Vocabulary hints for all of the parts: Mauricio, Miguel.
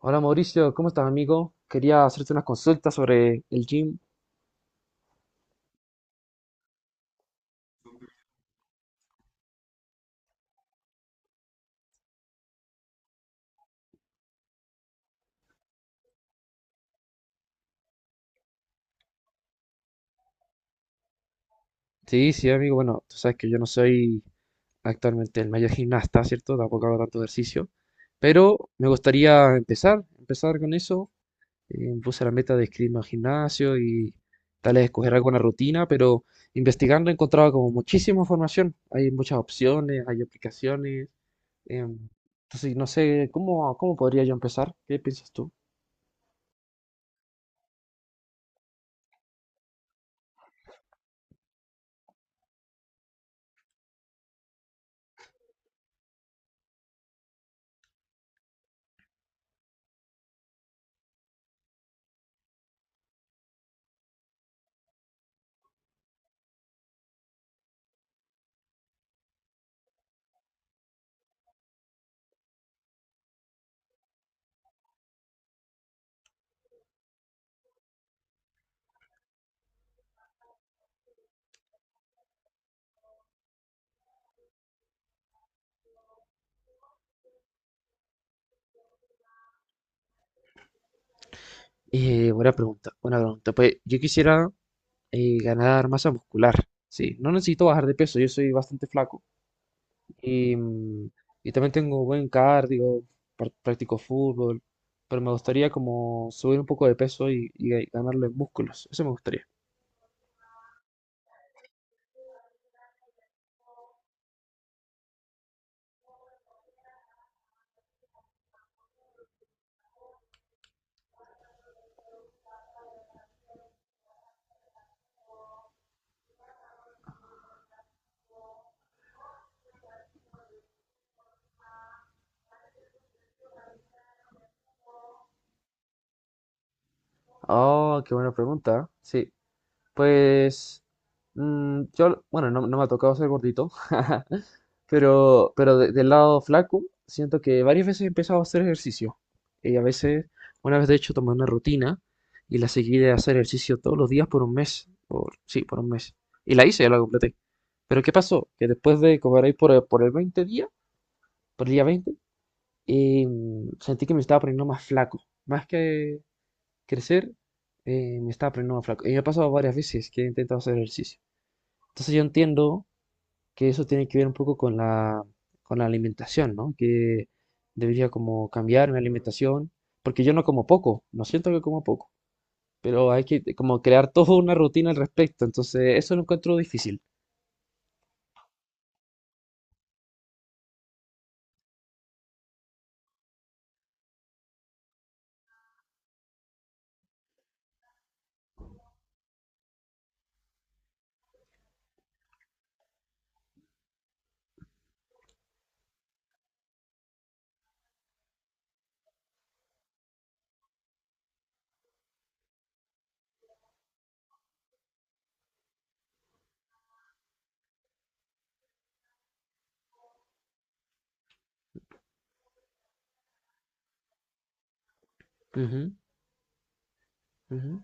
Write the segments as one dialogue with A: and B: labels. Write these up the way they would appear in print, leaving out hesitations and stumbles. A: Hola Mauricio, ¿cómo estás amigo? Quería hacerte unas consultas sobre el gym. Sí, sí amigo, bueno, tú sabes que yo no soy actualmente el mayor gimnasta, ¿cierto? Tampoco hago tanto ejercicio, pero me gustaría empezar con eso. Me puse la meta de inscribirme al gimnasio y tal vez escoger alguna rutina, pero investigando he encontrado como muchísima información. Hay muchas opciones, hay aplicaciones. em, entonces, no sé, ¿cómo podría yo empezar? ¿Qué piensas tú? Buena pregunta, buena pregunta. Pues yo quisiera ganar masa muscular. Sí, no necesito bajar de peso, yo soy bastante flaco. Y, mm, y también tengo buen cardio, practico fútbol, pero me gustaría como subir un poco de peso y, ganarle músculos. Eso me gustaría. Oh, qué buena pregunta. Sí, pues yo, bueno, no me ha tocado ser gordito. Pero, del lado flaco, siento que varias veces he empezado a hacer ejercicio. Y a veces, una vez de hecho, tomé una rutina y la seguí de hacer ejercicio todos los días por un mes. Por, sí, por un mes. Y la hice, ya la completé. Pero ¿qué pasó? Que después de comer ahí por el 20 día, por el día 20, eh, sentí que me estaba poniendo más flaco. Más que crecer, me estaba poniendo más flaco. Y me ha pasado varias veces que he intentado hacer ejercicio. Entonces yo entiendo que eso tiene que ver un poco con la alimentación, ¿no? Que debería como cambiar mi alimentación, porque yo no como poco, no siento que como poco, pero hay que como crear toda una rutina al respecto, entonces eso lo encuentro difícil. Ujú, ujú.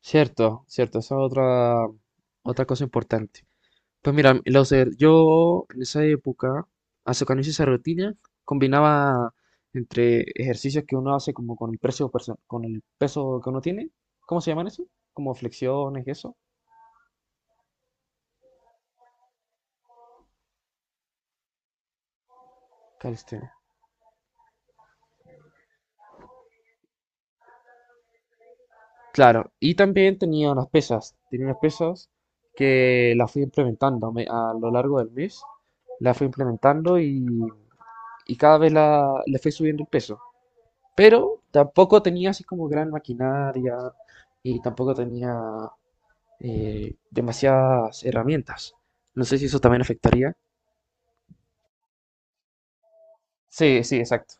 A: Cierto, cierto, esa es otra cosa importante. Pues mira, lo sé, yo en esa época, hace cuando hice esa rutina, combinaba entre ejercicios que uno hace como con el peso que uno tiene, ¿cómo se llaman eso? Como flexiones y eso, calistenia. Claro, y también tenía unas pesas que las fui implementando a lo largo del mes, las fui implementando y cada vez le fui subiendo el peso, pero tampoco tenía así como gran maquinaria y tampoco tenía demasiadas herramientas. No sé si eso también afectaría. Sí, sí, exacto.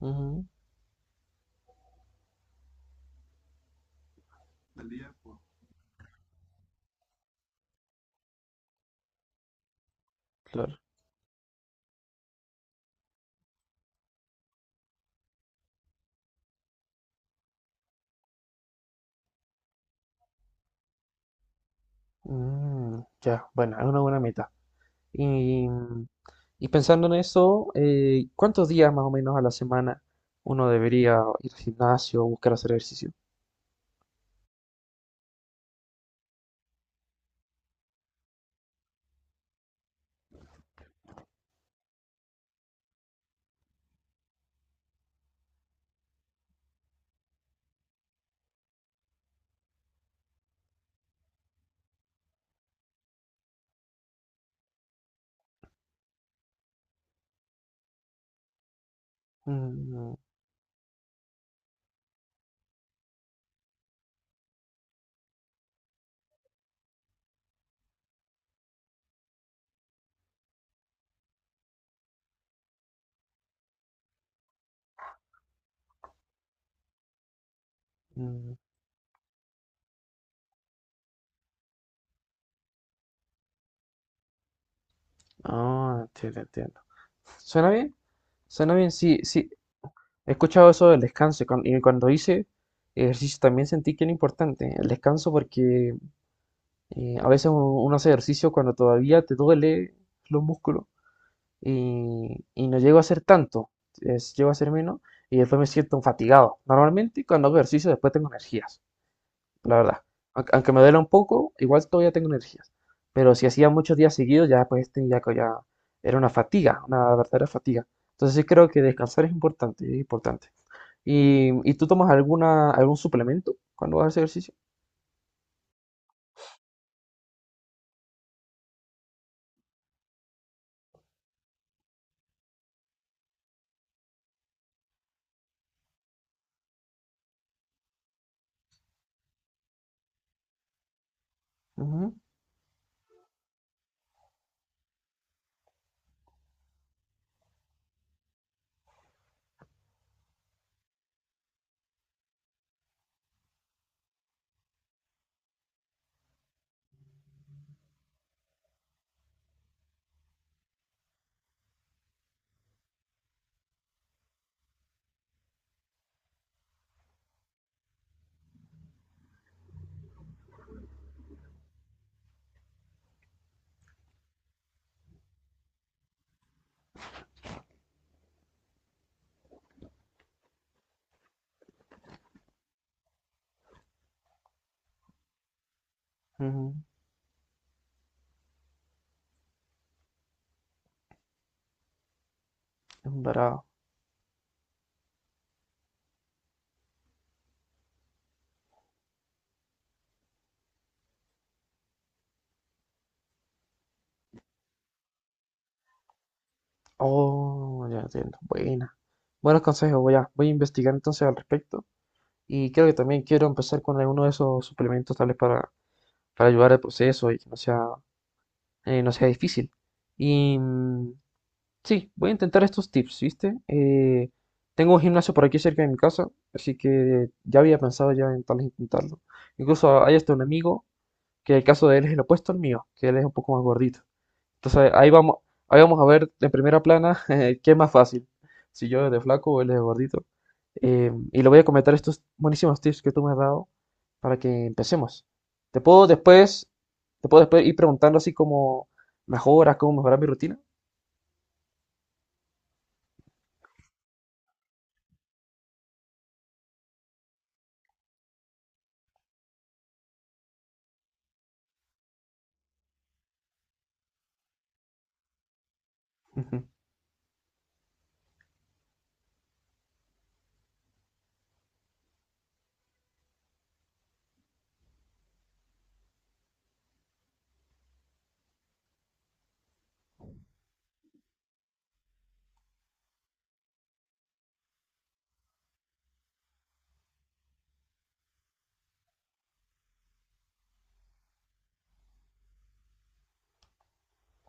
A: Ujú, claro. Mm, ya, bueno, es una buena meta. Y, y pensando en eso, ¿cuántos días más o menos a la semana uno debería ir al gimnasio o buscar hacer ejercicio? Mm, mm. Ah, entiendo, entiendo. ¿Suena bien? Suena bien, sí, sí. He escuchado eso del descanso y cuando hice ejercicio también sentí que era importante el descanso porque a veces uno hace ejercicio cuando todavía te duele los músculos y no llego a hacer tanto, es, llego a hacer menos y después me siento fatigado. Normalmente cuando hago ejercicio después tengo energías, la verdad. Aunque me duela un poco, igual todavía tengo energías. Pero si hacía muchos días seguidos, ya pues tenía que ya era una fatiga, una verdadera fatiga. Entonces sí creo que descansar es importante, es importante. Y tú tomas algún suplemento cuando haces ejercicio? Ujú, ujú, es. Oh, ya entiendo. Buena. Buenos consejos, voy a investigar entonces al respecto. Y creo que también quiero empezar con alguno de esos suplementos, para ayudar al proceso y que no sea, no sea difícil. Y mm, sí, voy a intentar estos tips, ¿viste? Tengo un gimnasio por aquí cerca de mi casa, así que ya había pensado ya en tal vez intentarlo. Incluso hay hasta un amigo que el caso de él es el opuesto al mío, que él es un poco más gordito. Entonces ahí vamos a ver en primera plana qué es más fácil, si yo de flaco o él de gordito. Y le voy a comentar estos buenísimos tips que tú me has dado para que empecemos. Te puedo después, te puedo después ir preguntando así como mejoras, cómo mejorar mi rutina. Ujú.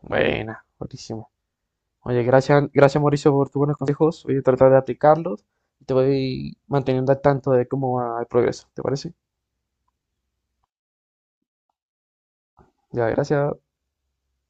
A: Buena, buenísimo. Oye, gracias, gracias Mauricio por tus buenos consejos. Voy a tratar de aplicarlos y te voy manteniendo al tanto de cómo va el progreso. ¿Te parece? Ya, gracias.